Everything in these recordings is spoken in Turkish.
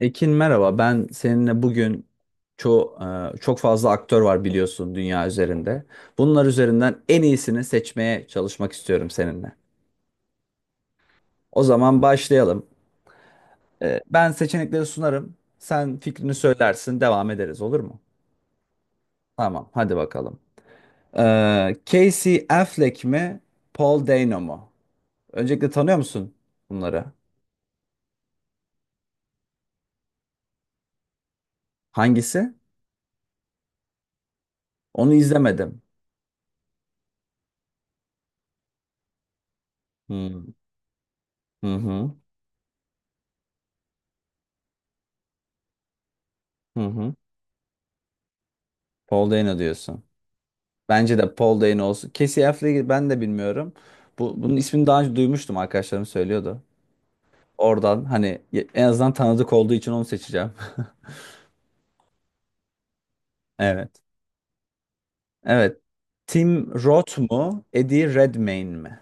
Ekin merhaba. Ben seninle bugün çok çok fazla aktör var biliyorsun dünya üzerinde. Bunlar üzerinden en iyisini seçmeye çalışmak istiyorum seninle. O zaman başlayalım. Ben seçenekleri sunarım. Sen fikrini söylersin, devam ederiz olur mu? Tamam, hadi bakalım. Casey Affleck mi, Paul Dano mu? Öncelikle tanıyor musun bunları? Hangisi? Onu izlemedim. Hmm. Hı hı. Hı hı. Paul Dano diyorsun. Bence de Paul Dano olsun. Casey Affleck'i ben de bilmiyorum. Bunun ismini daha önce duymuştum arkadaşlarım söylüyordu. Oradan hani en azından tanıdık olduğu için onu seçeceğim. Evet. Evet. Tim Roth mu? Eddie Redmayne mi?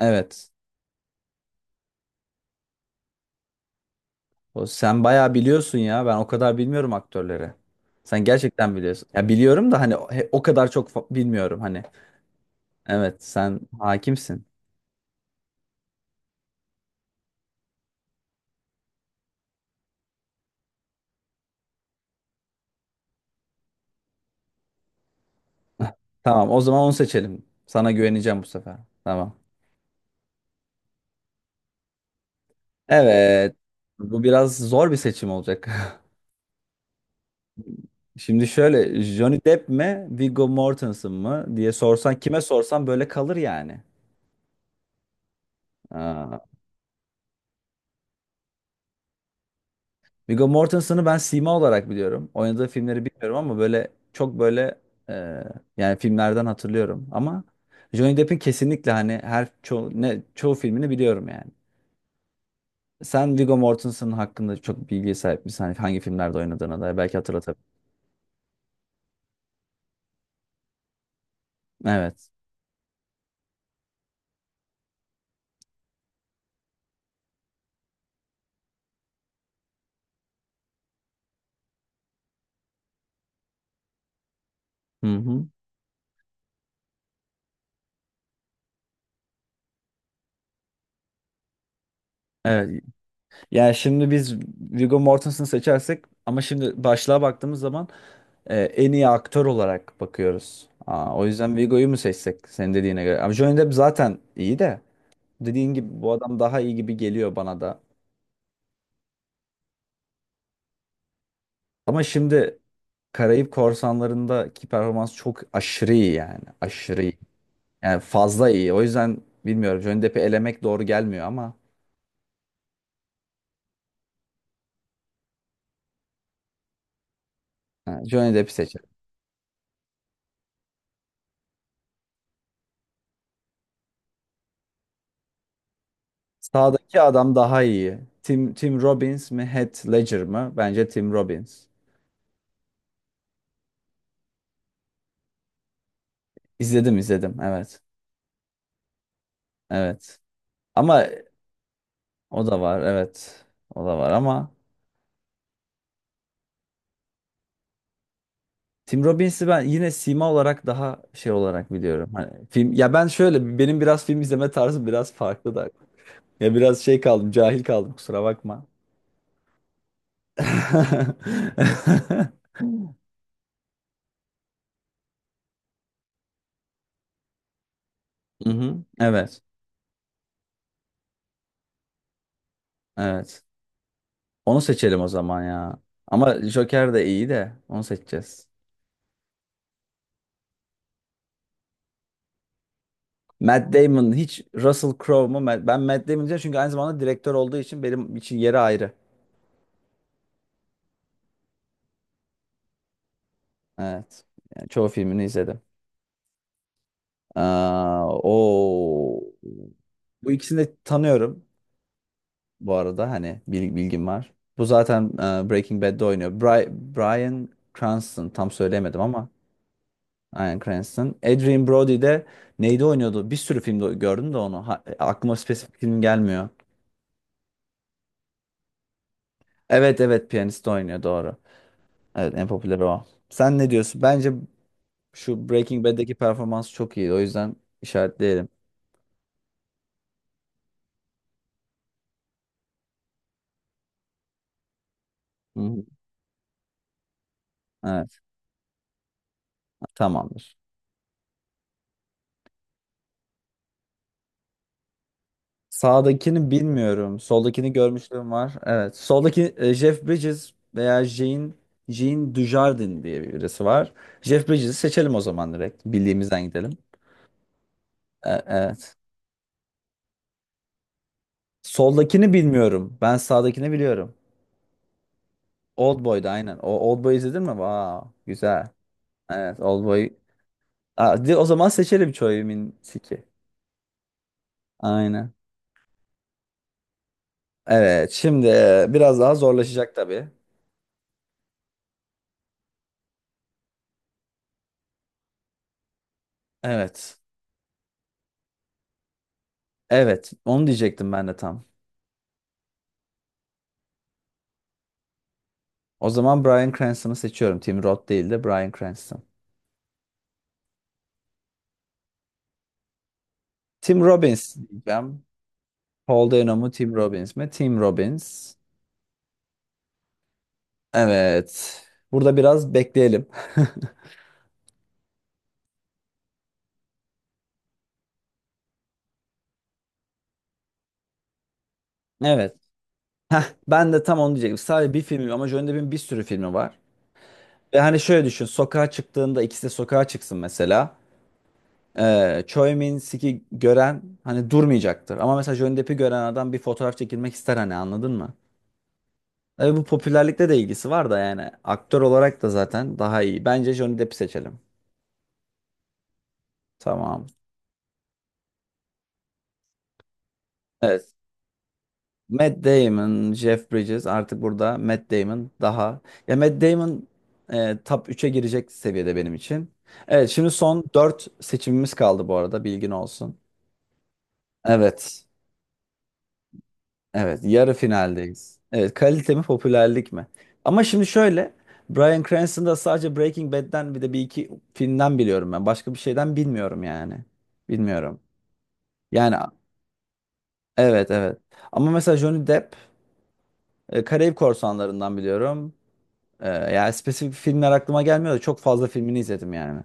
Evet. O, sen bayağı biliyorsun ya. Ben o kadar bilmiyorum aktörleri. Sen gerçekten biliyorsun. Ya biliyorum da hani o kadar bilmiyorum hani. Evet, sen hakimsin. Tamam, o zaman onu seçelim. Sana güveneceğim bu sefer. Tamam. Evet. Bu biraz zor bir seçim olacak. Şimdi şöyle Johnny Depp mi Viggo Mortensen mı diye sorsan kime sorsan böyle kalır yani. Aa, Viggo Mortensen'ı ben sima olarak biliyorum. Oynadığı filmleri bilmiyorum ama böyle çok böyle e, yani filmlerden hatırlıyorum. Ama Johnny Depp'in kesinlikle hani çoğu filmini biliyorum yani. Sen Viggo Mortensen hakkında çok bilgiye sahip misin? Hani hangi filmlerde oynadığına dair belki hatırlatabilirim. Evet. Hı hı. Evet. Yani şimdi biz Viggo Mortensen'ı seçersek ama şimdi başlığa baktığımız zaman en iyi aktör olarak bakıyoruz. O yüzden Viggo'yu mu seçsek senin dediğine göre? Ama Johnny Depp zaten iyi de dediğin gibi bu adam daha iyi gibi geliyor bana da. Ama şimdi Karayip Korsanları'ndaki performans çok aşırı iyi yani. Aşırı iyi. Yani fazla iyi. O yüzden bilmiyorum Johnny Depp'i elemek doğru gelmiyor ama ha, Johnny Depp'i seç. Sağdaki adam daha iyi. Tim Robbins mi, Heath Ledger mı? Bence Tim Robbins. İzledim izledim. Evet. Evet. Ama o da var. Evet. O da var ama Tim Robbins'i ben yine sima olarak daha şey olarak biliyorum. Hani film ya ben şöyle benim biraz film izleme tarzım biraz farklı da. Ya biraz şey kaldım, cahil kaldım kusura bakma. Mhm. Evet. Evet. Onu seçelim o zaman ya. Ama Joker de iyi de onu seçeceğiz. Matt Damon hiç Russell Crowe mu? Ben Matt Damon diyeceğim çünkü aynı zamanda direktör olduğu için benim için yeri ayrı. Evet. Yani çoğu filmini izledim. Aa, o bu ikisini de tanıyorum bu arada hani bilgim var. Bu zaten Breaking Bad'de oynuyor. Bryan Cranston tam söyleyemedim ama Bryan Cranston. Adrien Brody de neydi oynuyordu? Bir sürü filmde gördüm de onu. Aklıma spesifik film gelmiyor. Evet evet piyanist oynuyor doğru. Evet en popüler o. Sen ne diyorsun? Bence şu Breaking Bad'deki performans çok iyi. O yüzden işaretleyelim. Hı hı. Evet tamamdır. Sağdakini bilmiyorum. Soldakini görmüşlüğüm var. Evet. Soldaki Jeff Bridges veya Jean, Jean Dujardin diye birisi var. Jeff Bridges'i seçelim o zaman direkt. Bildiğimizden gidelim. Evet. Soldakini bilmiyorum. Ben sağdakini biliyorum. Oldboy'da aynen. O Oldboy izledin mi? Vaa güzel. Evet Oldboy. O zaman seçelim Choi Min-sik'i. Aynen. Evet. Şimdi biraz daha zorlaşacak tabii. Evet. Evet. Onu diyecektim ben de tam. O zaman Bryan Cranston'ı seçiyorum. Tim Roth değil de Bryan Cranston. Tim Robbins diyeceğim. Paul Dano mu Tim Robbins mi? Tim Robbins. Evet. Burada biraz bekleyelim. Evet. Heh, ben de tam onu diyecektim. Sadece bir filmi ama Johnny Depp'in bir sürü filmi var. Ve hani şöyle düşün. Sokağa çıktığında ikisi de sokağa çıksın mesela. Choi Min-sik'i gören hani durmayacaktır. Ama mesela Johnny Depp'i gören adam bir fotoğraf çekilmek ister hani anladın mı? Tabii bu popülerlikte de ilgisi var da yani aktör olarak da zaten daha iyi. Bence Johnny Depp'i seçelim. Tamam. Evet. Matt Damon, Jeff Bridges artık burada Matt Damon daha. Ya Matt Damon top 3'e girecek seviyede benim için. Evet şimdi son 4 seçimimiz kaldı bu arada bilgin olsun. Evet. Evet, yarı finaldeyiz. Evet, kalite mi, popülerlik mi? Ama şimdi şöyle, Bryan Cranston'da sadece Breaking Bad'den bir de bir iki filmden biliyorum ben. Başka bir şeyden bilmiyorum yani. Bilmiyorum. Yani evet evet. Ama mesela Johnny Depp Karayip Korsanları'ndan biliyorum. Yani spesifik filmler aklıma gelmiyor da çok fazla filmini izledim yani.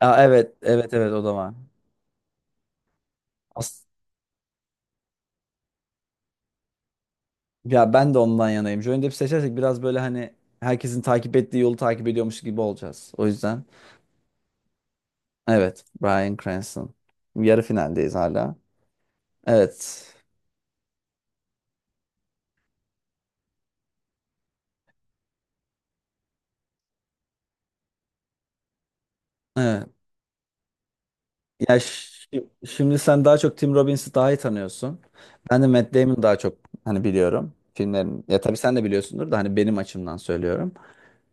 Aa, evet evet evet o da var. As- Ya ben de ondan yanayım. Johnny Depp seçersek biraz böyle hani herkesin takip ettiği yolu takip ediyormuş gibi olacağız. O yüzden. Evet, Bryan Cranston. Yarı finaldeyiz hala. Evet. Evet. Şimdi sen daha çok Tim Robbins'i daha iyi tanıyorsun. Ben de Matt Damon'ı daha çok hani biliyorum. Filmlerin ya tabii sen de biliyorsundur da hani benim açımdan söylüyorum.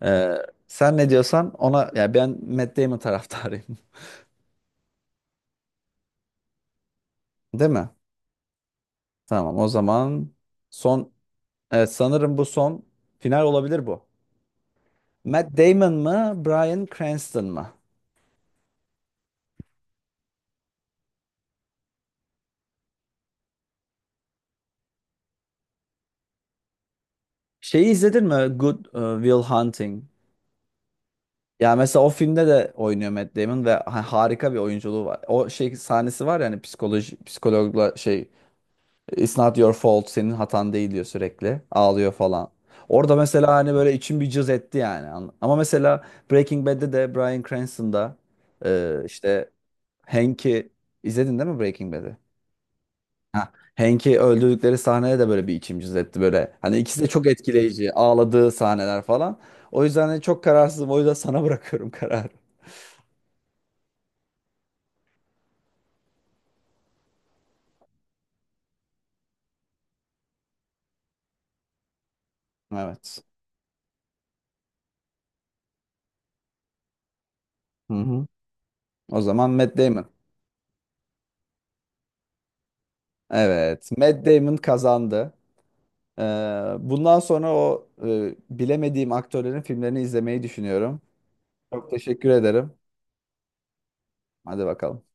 Ee, Sen ne diyorsan ona ya ben Matt Damon taraftarıyım. Değil mi? Tamam o zaman son evet sanırım bu son final olabilir bu. Matt Damon mı, Bryan Cranston mı? Şeyi izledin mi? Good Will Hunting. Ya mesela o filmde de oynuyor Matt Damon ve harika bir oyunculuğu var. O şey sahnesi var ya hani psikoloji psikologla şey It's not your fault senin hatan değil diyor sürekli. Ağlıyor falan. Orada mesela hani böyle içim bir cız etti yani. Ama mesela Breaking Bad'de de Bryan Cranston'da e, işte Hank'i izledin değil mi Breaking Bad'i? Ha, Hank'i öldürdükleri sahnede de böyle bir içim cız etti böyle. Hani ikisi de çok etkileyici. Ağladığı sahneler falan. O yüzden hani çok kararsızım. O yüzden sana bırakıyorum kararı. Evet. Hı hı. O zaman Matt Damon. Evet, Matt Damon kazandı. Ee, Bundan sonra bilemediğim aktörlerin filmlerini izlemeyi düşünüyorum. Çok teşekkür ederim. Hadi bakalım.